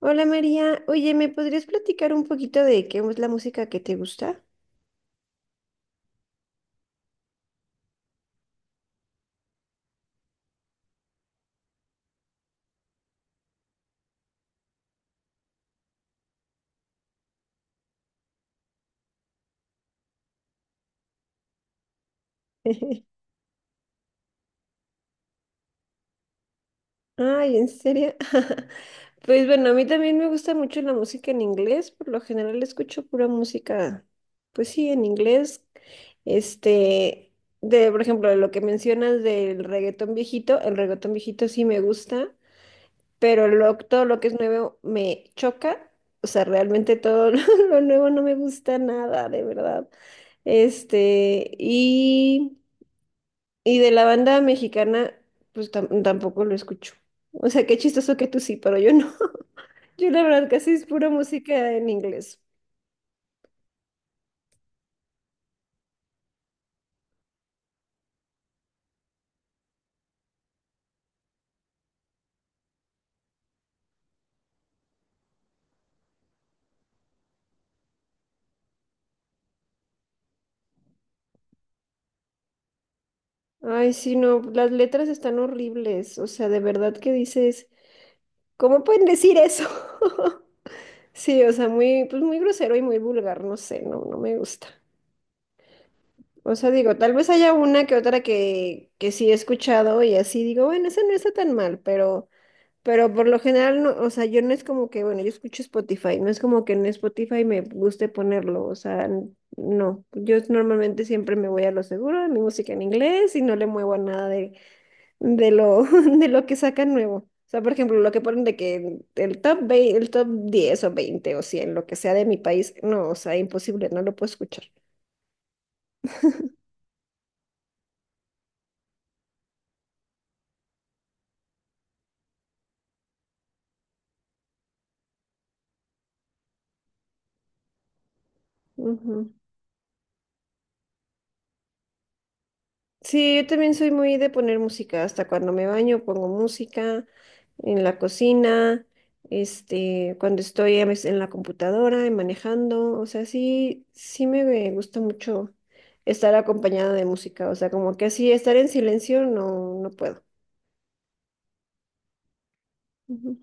Hola María, oye, ¿me podrías platicar un poquito de qué es la música que te gusta? Ay, ¿en serio? Pues bueno, a mí también me gusta mucho la música en inglés. Por lo general escucho pura música, pues sí, en inglés. Este, de, por ejemplo, lo que mencionas del reggaetón viejito, el reggaetón viejito sí me gusta, pero todo lo que es nuevo me choca. O sea, realmente todo lo nuevo no me gusta nada, de verdad. Este, y... Y de la banda mexicana, pues tampoco lo escucho. O sea, qué chistoso que tú sí, pero yo no. Yo la verdad casi es pura música en inglés. Ay, sí, no, las letras están horribles. O sea, de verdad que dices, ¿cómo pueden decir eso? Sí, o sea, muy, pues muy grosero y muy vulgar, no sé, no, no me gusta. O sea, digo, tal vez haya una que otra que sí he escuchado y así digo, bueno, esa no está tan mal, pero por lo general, no, o sea, yo no es como que, bueno, yo escucho Spotify, no es como que en Spotify me guste ponerlo, o sea, no, yo normalmente siempre me voy a lo seguro, mi música en inglés y no le muevo a nada de, de lo, de lo que sacan nuevo. O sea, por ejemplo, lo que ponen de que el top 20, el top 10 o 20 o 100, lo que sea de mi país, no, o sea, imposible, no lo puedo escuchar. Ujú. Sí, yo también soy muy de poner música, hasta cuando me baño pongo música, en la cocina, cuando estoy a veces en la computadora y manejando. O sea, sí, sí me gusta mucho estar acompañada de música, o sea, como que así estar en silencio no, no puedo. Ujú.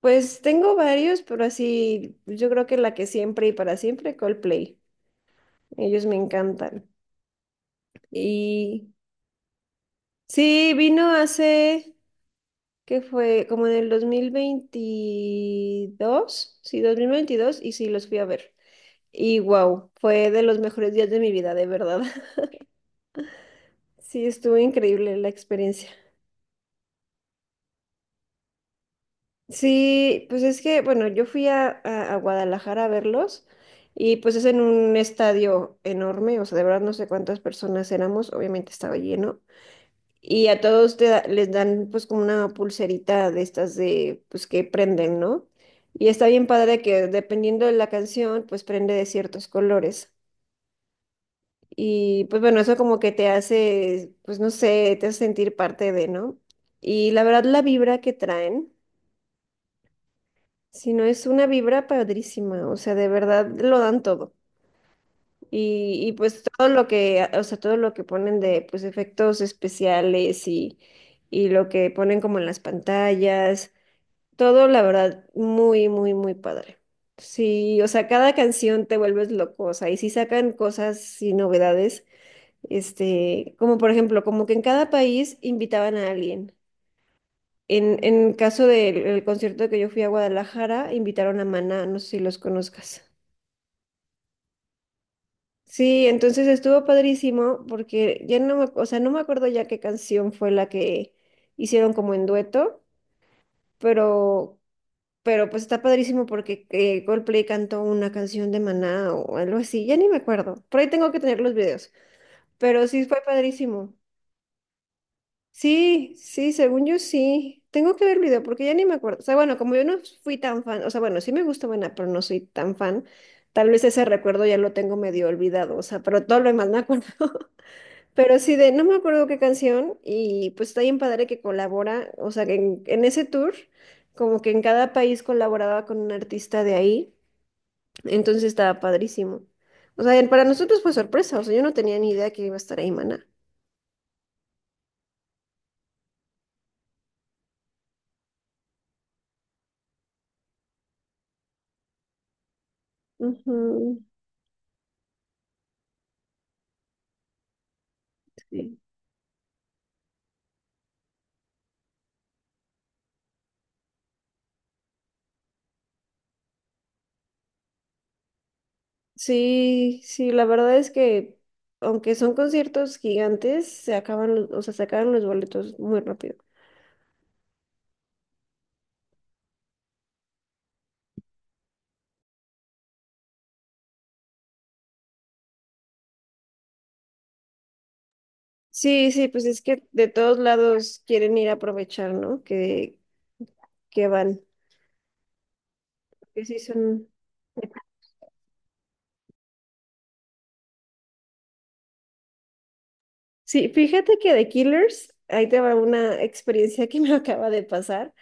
Pues tengo varios, pero así, yo creo que la que siempre y para siempre, Coldplay, ellos me encantan. Y sí, vino hace... que fue como en el 2022, sí, 2022, y sí, los fui a ver. Y wow, fue de los mejores días de mi vida, de verdad. Sí, estuvo increíble la experiencia. Sí, pues es que, bueno, yo fui a, a Guadalajara a verlos, y pues es en un estadio enorme, o sea, de verdad no sé cuántas personas éramos, obviamente estaba lleno. Y a todos les dan pues como una pulserita de estas de pues que prenden, ¿no? Y está bien padre que dependiendo de la canción pues prende de ciertos colores. Y pues bueno, eso como que te hace pues no sé, te hace sentir parte de, ¿no? Y la verdad la vibra que traen, si no es una vibra padrísima, o sea, de verdad lo dan todo. Y pues todo lo que, o sea, todo lo que ponen de pues efectos especiales y lo que ponen como en las pantallas. Todo, la verdad, muy, muy, muy padre. Sí, o sea, cada canción te vuelves loco, o sea, y si sacan cosas y novedades, como por ejemplo, como que en cada país invitaban a alguien. En caso del el concierto que yo fui a Guadalajara, invitaron a Maná, no sé si los conozcas. Sí, entonces estuvo padrísimo porque ya no me, o sea, no me acuerdo ya qué canción fue la que hicieron como en dueto, pero Pero pues está padrísimo porque Coldplay cantó una canción de Maná o algo así, ya ni me acuerdo. Por ahí tengo que tener los videos, pero sí fue padrísimo. Sí, sí, según yo sí. Tengo que ver el video porque ya ni me acuerdo. O sea, bueno, como yo no fui tan fan, o sea, bueno, sí me gusta Maná, pero no soy tan fan. Tal vez ese recuerdo ya lo tengo medio olvidado, o sea, pero todo lo demás me acuerdo. Pero sí, de no me acuerdo qué canción, y pues está bien padre que colabora, o sea, que en ese tour, como que en cada país colaboraba con un artista de ahí. Entonces estaba padrísimo. O sea, para nosotros fue sorpresa, o sea, yo no tenía ni idea que iba a estar ahí Maná. Ujú. Sí, sí, sí, la verdad es que aunque son conciertos gigantes, se acaban los, o sea, se acaban los boletos muy rápido. Sí, sí, pues es que de todos lados quieren ir a aprovechar, ¿no? Que van. Que sí son. Sí, fíjate que de Killers, ahí te va una experiencia que me acaba de pasar.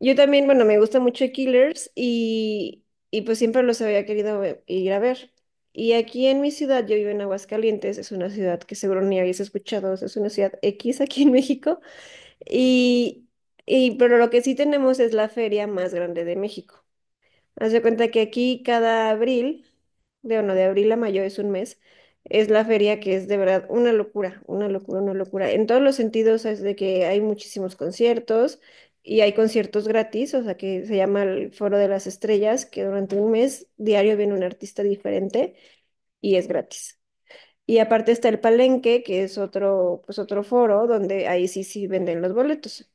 Yo también, bueno, me gusta mucho Killers, y pues siempre los había querido ir a ver. Y aquí en mi ciudad, yo vivo en Aguascalientes, es una ciudad que seguro ni habéis escuchado, es una ciudad X aquí en México. Y, y pero lo que sí tenemos es la feria más grande de México. Haz de cuenta que aquí cada abril, de bueno, de abril a mayo, es un mes, es la feria, que es de verdad una locura, una locura, una locura. En todos los sentidos, es de que hay muchísimos conciertos y hay conciertos gratis, o sea que se llama el Foro de las Estrellas, que durante un mes diario viene un artista diferente y es gratis. Y aparte está el Palenque, que es otro, pues otro foro donde ahí sí sí venden los boletos.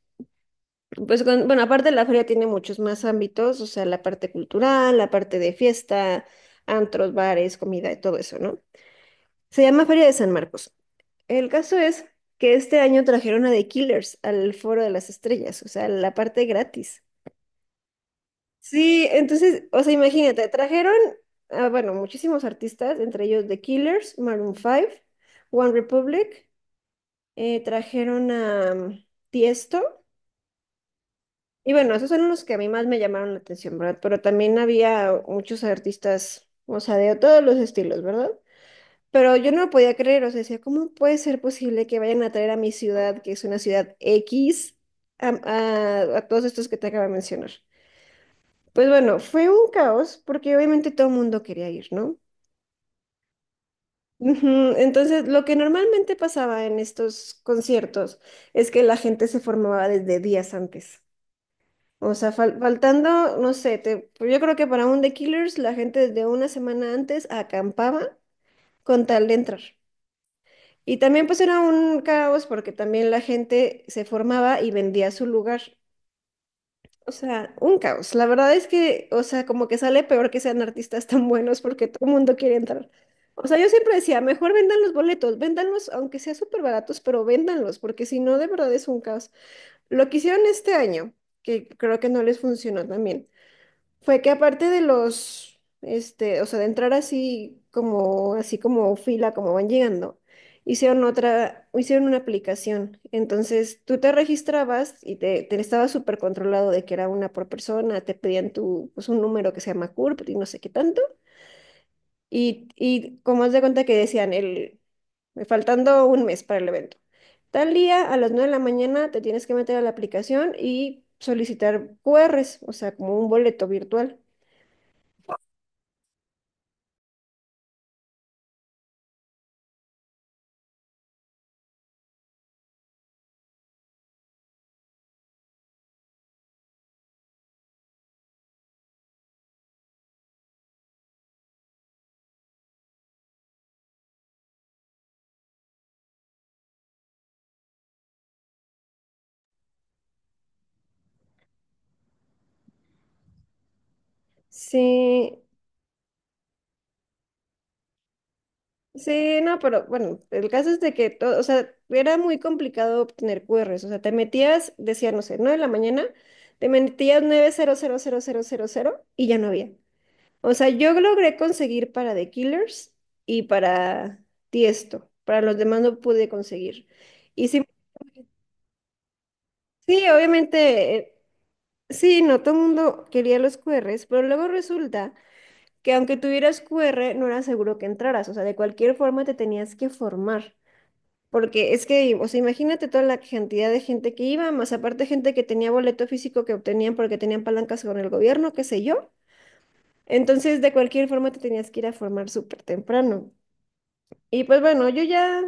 Pues bueno, aparte la feria tiene muchos más ámbitos, o sea, la parte cultural, la parte de fiesta, antros, bares, comida y todo eso, ¿no? Se llama Feria de San Marcos. El caso es que este año trajeron a The Killers al Foro de las Estrellas, o sea, la parte gratis. Sí, entonces, o sea, imagínate, trajeron, ah, bueno, muchísimos artistas, entre ellos The Killers, Maroon Five, One Republic, trajeron a Tiesto. Y bueno, esos son los que a mí más me llamaron la atención, ¿verdad? Pero también había muchos artistas, o sea, de todos los estilos, ¿verdad? Pero yo no lo podía creer, o sea, decía, ¿cómo puede ser posible que vayan a traer a mi ciudad, que es una ciudad X, a, a todos estos que te acabo de mencionar? Pues bueno, fue un caos porque obviamente todo el mundo quería ir, ¿no? Ujú. Entonces, lo que normalmente pasaba en estos conciertos es que la gente se formaba desde días antes. O sea, faltando, no sé, pues yo creo que para un The Killers la gente desde una semana antes acampaba con tal de entrar. Y también pues era un caos porque también la gente se formaba y vendía su lugar. O sea, un caos. La verdad es que, o sea, como que sale peor que sean artistas tan buenos porque todo el mundo quiere entrar. O sea, yo siempre decía, mejor vendan los boletos, véndanlos aunque sea súper baratos, pero véndanlos, porque si no, de verdad es un caos. Lo que hicieron este año, que creo que no les funcionó también, fue que aparte de los, o sea, de entrar así como fila, como van llegando, hicieron otra, hicieron una aplicación. Entonces tú te registrabas y te estaba súper controlado de que era una por persona, te pedían tu, pues un número que se llama CURP y no sé qué tanto. Y como haz de cuenta que decían, faltando un mes para el evento, tal día a las 9 de la mañana te tienes que meter a la aplicación y solicitar QRs, o sea, como un boleto virtual. Sí, sí, no, pero bueno, el caso es de que todo, o sea, era muy complicado obtener QRs, o sea, te metías, decía, no sé, 9 de la mañana, te metías 9:00:00:00 y ya no había. O sea, yo logré conseguir para The Killers y para Tiesto, para los demás no pude conseguir. Y sí, sí, obviamente, sí, no, todo el mundo quería los QRs, pero luego resulta que aunque tuvieras QR, no era seguro que entraras, o sea, de cualquier forma te tenías que formar. Porque es que, o sea, imagínate toda la cantidad de gente que iba, más aparte gente que tenía boleto físico que obtenían porque tenían palancas con el gobierno, qué sé yo. Entonces, de cualquier forma, te tenías que ir a formar súper temprano. Y pues bueno, yo ya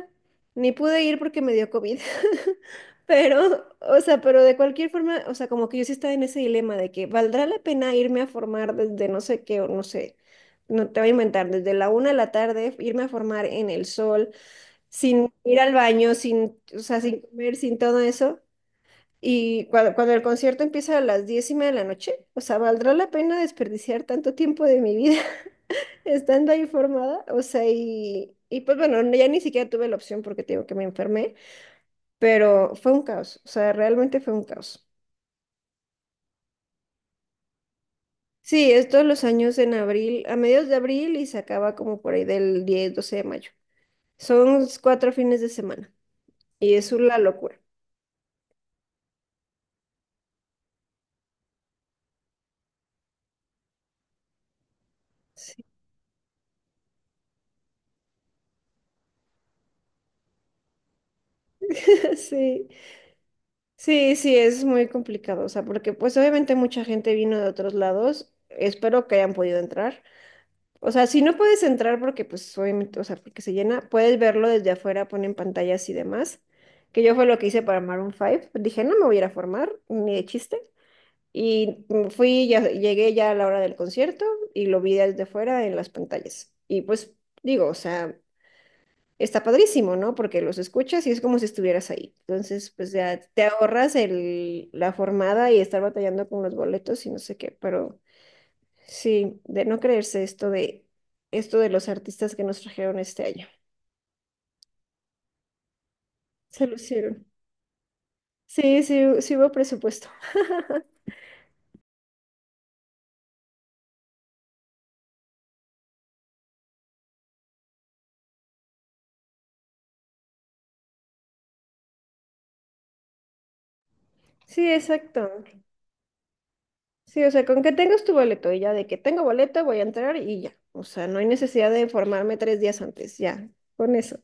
ni pude ir porque me dio COVID. Pero, o sea, pero de cualquier forma, o sea, como que yo sí estaba en ese dilema de que valdrá la pena irme a formar desde no sé qué, o no sé, no te voy a inventar, desde la 1 de la tarde, irme a formar en el sol sin ir al baño, sin, o sea, sin comer, sin todo eso. Y cuando, cuando el concierto empieza a las 10:30 de la noche, o sea, ¿valdrá la pena desperdiciar tanto tiempo de mi vida estando ahí formada? O sea, y pues bueno, ya ni siquiera tuve la opción porque te digo que me enfermé, pero fue un caos, o sea, realmente fue un caos. Sí, es todos los años en abril, a mediados de abril, y se acaba como por ahí del 10, 12 de mayo. Son 4 fines de semana y es una locura. Sí. Sí, sí, es muy complicado, o sea, porque pues obviamente mucha gente vino de otros lados, espero que hayan podido entrar. O sea, si no puedes entrar porque pues obviamente, o sea, porque se llena, puedes verlo desde afuera, ponen pantallas y demás, que yo fue lo que hice para Maroon Five. Dije, no me voy a ir a formar, ni de chiste, y fui, ya, llegué ya a la hora del concierto y lo vi desde afuera en las pantallas. Y pues digo, o sea, está padrísimo, ¿no? Porque los escuchas y es como si estuvieras ahí. Entonces, pues ya te ahorras el, la formada y estar batallando con los boletos y no sé qué, pero sí, de no creerse esto de los artistas que nos trajeron este año. Se lucieron. Sí, sí, sí hubo presupuesto. Sí, exacto. Sí, o sea, con que tengas tu boleto y ya de que tengo boleto voy a entrar y ya. O sea, no hay necesidad de informarme tres días antes, ya, con eso.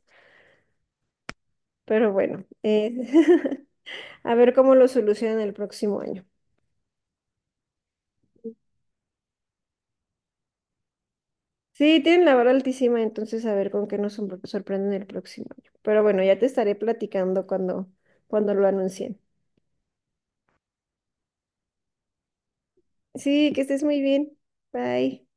Pero bueno, a ver cómo lo solucionan el próximo año. Sí, tienen la vara altísima, entonces a ver con qué nos sorprenden el próximo año. Pero bueno, ya te estaré platicando cuando, cuando lo anuncien. Sí, que estés muy bien. Bye.